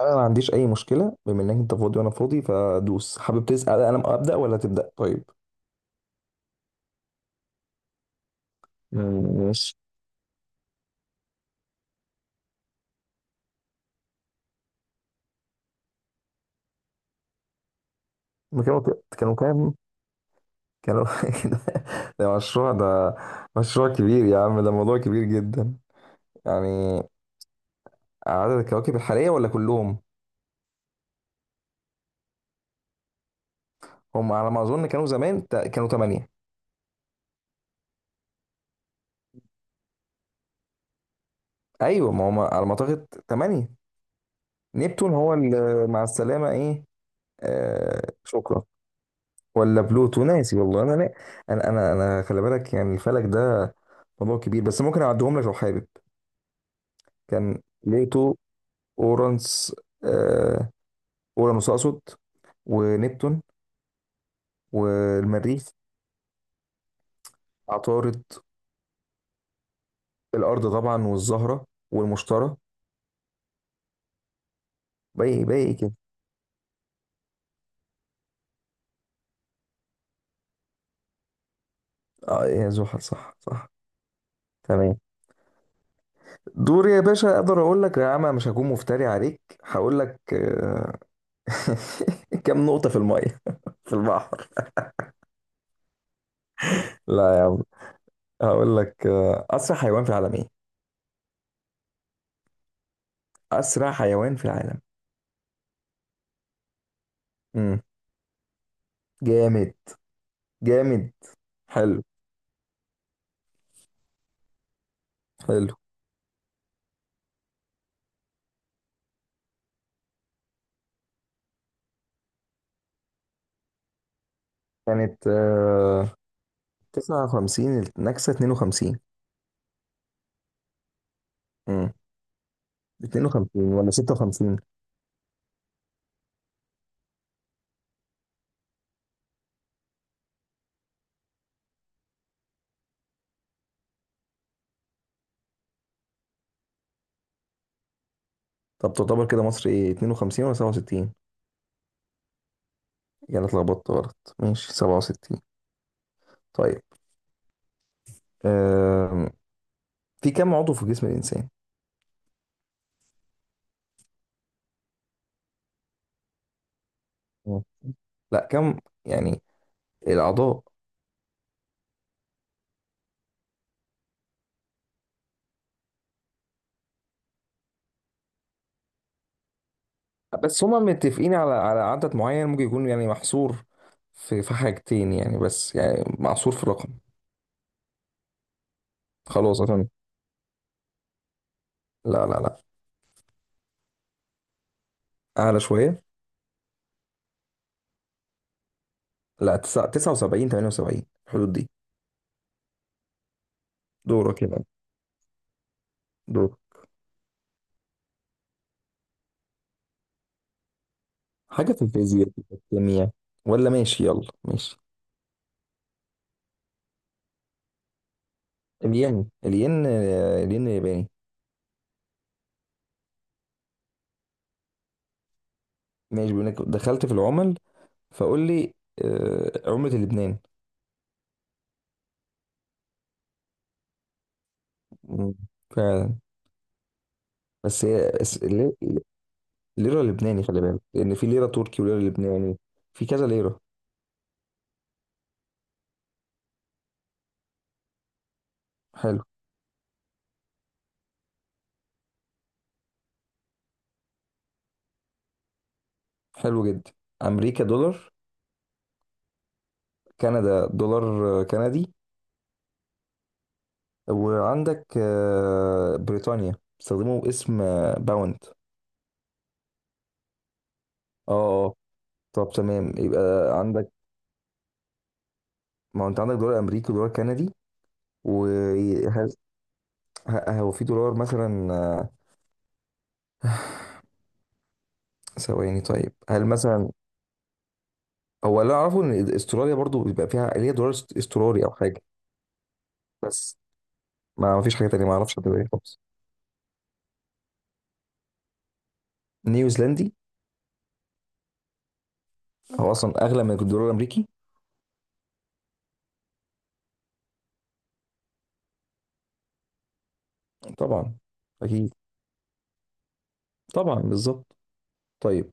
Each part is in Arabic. انا ما عنديش اي مشكله، بما انك انت فاضي وانا فاضي فدوس. حابب تسال؟ انا ابدا ولا تبدا؟ طيب ماشي. كانوا كانوا كام؟ كانوا ده ده مشروع، ده مشروع كبير يا عم، ده موضوع كبير جدا. يعني عدد الكواكب الحاليه ولا كلهم؟ هم على ما اظن كانوا زمان كانوا ثمانية. ايوه، ما هم على ما اعتقد ثمانية. نبتون هو اللي مع السلامه ايه. آه، شكرا. ولا بلوتو، ناسي والله. انا لا. انا خلي بالك، يعني الفلك ده موضوع كبير، بس ممكن اعدهم لك لو حابب. كان بلوتو، اورانس، آه اورانوس اقصد، ونبتون. والمريخ. عطارد. الارض طبعا، والزهره، والمشتري. باقي إيه كده؟ اه، يا زحل، صح صح. تمام. دور يا باشا. اقدر اقول لك يا عم، مش هكون مفتري عليك. هقول لك كم نقطه في الميه في البحر. لا يا عم، هقول لك اسرع حيوان في العالم ايه؟ اسرع حيوان في العالم. امم جامد. جامد. حلو. حلو. كانت 59، النكسة 52. امم 52 ولا 56؟ طب تعتبر كده مصر ايه، 52 ولا 67؟ يعني أنا اتلخبطت، غلط. ماشي، 67. طيب، آم، في كم عضو في جسم الانسان؟ مم. لا، كم يعني الاعضاء. بس هما متفقين على عدد معين، ممكن يكون يعني محصور في حاجتين يعني، بس يعني محصور في رقم. خلاص أتمنى. لا لا لا، اعلى شويه. لا، 79، 78، الحدود دي. دورك يا بقى. دور. حاجه في الفيزياء، في الكيمياء، ولا ماشي؟ يلا ماشي. الين الين الياباني. ماشي، بيقول لك دخلت في العمل، فقول لي عملة لبنان. مم، فعلا. بس هي ليرة لبناني، خلي بالك، لأن في ليرة تركي وليرة لبناني. في كذا ليرة. حلو. حلو جدا. أمريكا دولار. كندا دولار كندي. وعندك بريطانيا بيستخدموا اسم باوند. اه. اه، طب تمام. يبقى عندك، ما هو انت عندك دولار امريكي ودولار كندي. وهل هو في دولار مثلا؟ ثواني. طيب هل مثلا. هو اللي اعرفه ان استراليا برضو بيبقى فيها اللي هي دولار استرالي او حاجه. بس ما فيش حاجه تانية. ما اعرفش حد تاني خالص. نيوزيلندي. هو اصلا اغلى من الدولار الامريكي. طبعا. اكيد. طبعا بالظبط. طيب،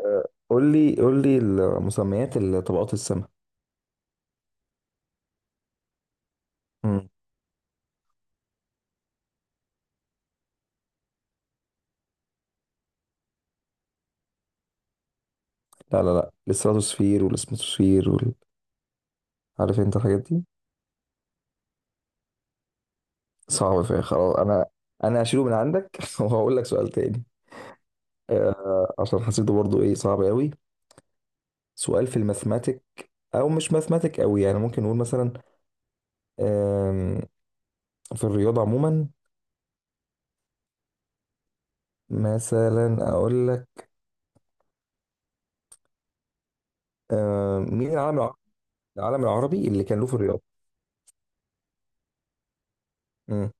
آه، قول لي قول لي مسميات طبقات السماء. مم. لا لا لا، الستراتوسفير والاسموسفير وال. عارف انت الحاجات دي. صعب فيها، خلاص انا. هشيله من عندك وهقول لك سؤال تاني. عشان حسيته برضو ايه، صعب قوي. سؤال في الماثماتيك. او مش ماثماتيك قوي يعني، ممكن نقول مثلا، آم، في الرياضة عموما. مثلا اقول لك، مين العالم، العالم العربي اللي كان له في الرياضة. امم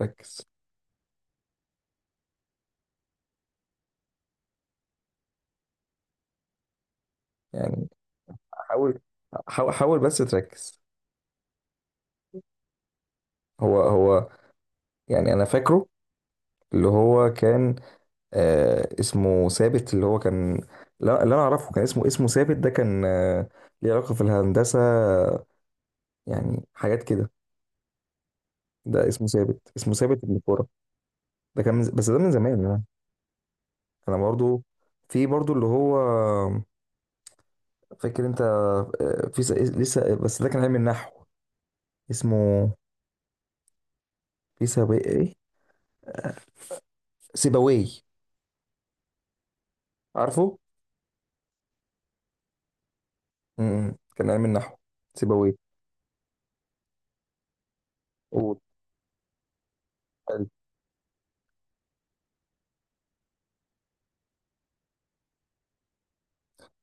ركز يعني. حاول حاول حاول بس تركز. هو هو، يعني انا فاكره اللي هو كان، اسمه ثابت، اللي هو كان. لا، اللي انا اعرفه كان اسمه ثابت. ده كان ليه علاقة في الهندسة، يعني حاجات كده. ده اسمه ثابت، اسمه ثابت ابن كورة. ده كان بس ده من زمان يعني. انا برضو، في برضو اللي هو، فاكر انت، في لسه، بس ده كان علم النحو اسمه. في سابق، ايه، سيبويه. عارفه. كان علم النحو. سيبويه. قول. حلو.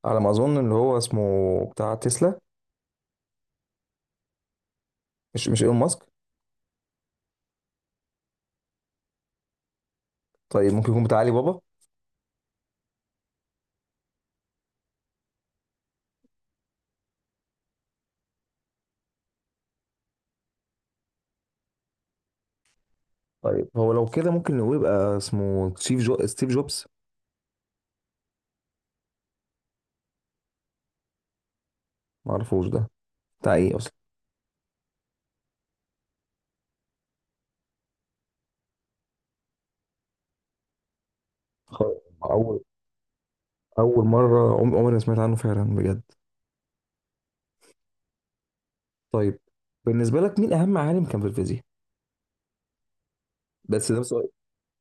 على ما اظن اللي هو اسمه بتاع تسلا، مش ايلون ماسك. طيب ممكن يكون بتاع علي بابا. طيب هو لو كده ممكن نقول يبقى اسمه ستيف جوبز. ما اعرفوش ده، بتاع ايه اصلا؟ خ- اول اول مره عمري ما سمعت عنه، فعلا بجد. طيب بالنسبه لك، مين اهم عالم كان في الفيزياء؟ بس ده سؤال،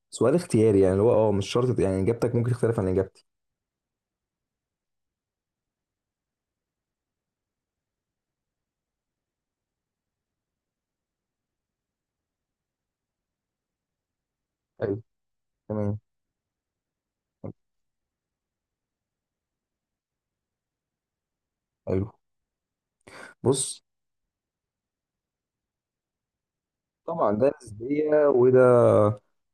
اختياري يعني، اللي هو مش شرط يعني، اجابتك ممكن تختلف عن اجابتي. ايوه تمام. حلو. بص، طبعا ده نسبية، وده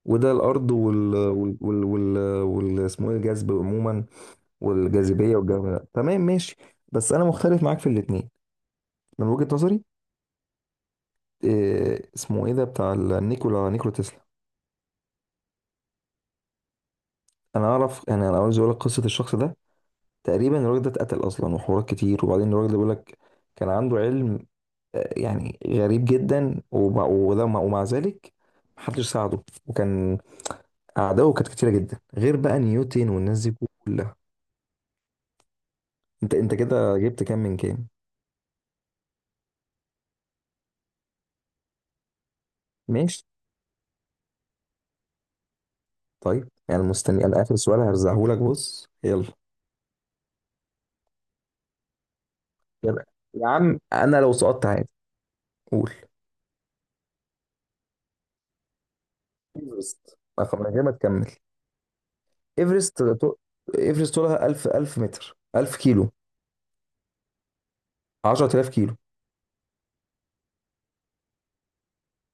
وده الأرض وال اسمه إيه، الجذب عموما، والجاذبية والجو ده. تمام ماشي. بس أنا مختلف معاك في الاتنين من وجهة نظري. إيه اسمه إيه ده بتاع نيكولا تسلا. أنا أعرف، يعني أنا عاوز أقول لك قصة الشخص ده. تقريبا الراجل ده اتقتل أصلا، وحوارات كتير. وبعدين الراجل ده بيقول لك كان عنده علم، يعني غريب جدا، ومع- وده ومع ذلك محدش ساعده. وكان أعدائه كانت كتيرة جدا، غير بقى نيوتن والناس دي كلها. أنت كده جبت كام من كام؟ ماشي. طيب يعني، مستني أنا آخر سؤال هرزعهولك. بص، يلا. يلا يا عم، أنا لو سقطت عادي. قول. إيفرست، ما خ- من غير ما تكمل. إيفرست طو- إيفرست طولها 1000، 1000 متر، 1000 كيلو، 10000 كيلو.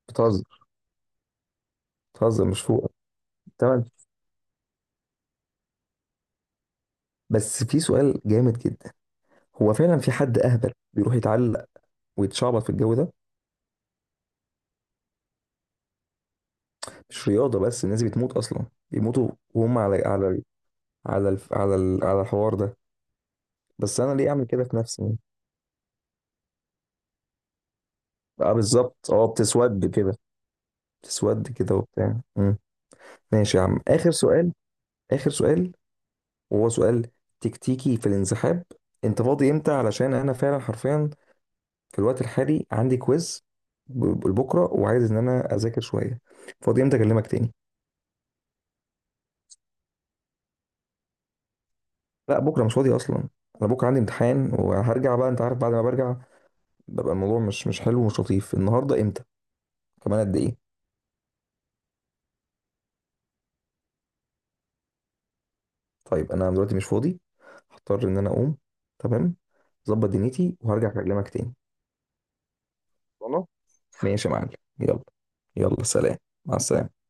بتهزر. بتهزر، مش فوق. تمام. بس في سؤال جامد جدا، هو فعلا في حد اهبل بيروح يتعلق ويتشعبط في الجو ده. مش رياضه، بس الناس دي بتموت اصلا، بيموتوا وهم على على الحوار ده. بس انا ليه اعمل كده في نفسي؟ اه، بالظبط. اه، بتسود كده. بتسود كده وبتاع. مم. ماشي يا عم، اخر سؤال، اخر سؤال، وهو سؤال تكتيكي في الانسحاب. انت فاضي امتى؟ علشان انا فعلا حرفيا في الوقت الحالي عندي كويز بكره، وعايز ان انا اذاكر شويه. فاضي امتى اكلمك تاني؟ لا، بكره مش فاضي اصلا. انا بكره عندي امتحان وهرجع. بقى انت عارف بعد ما برجع ببقى الموضوع مش حلو ومش لطيف. النهارده امتى كمان، قد ايه؟ طيب انا دلوقتي مش فاضي، هضطر ان انا اقوم. تمام، ظبط دنيتي وهرجع اكلمك تاني. خلاص. ماشي يا معلم. يلا، يلا سلام. مع السلامه.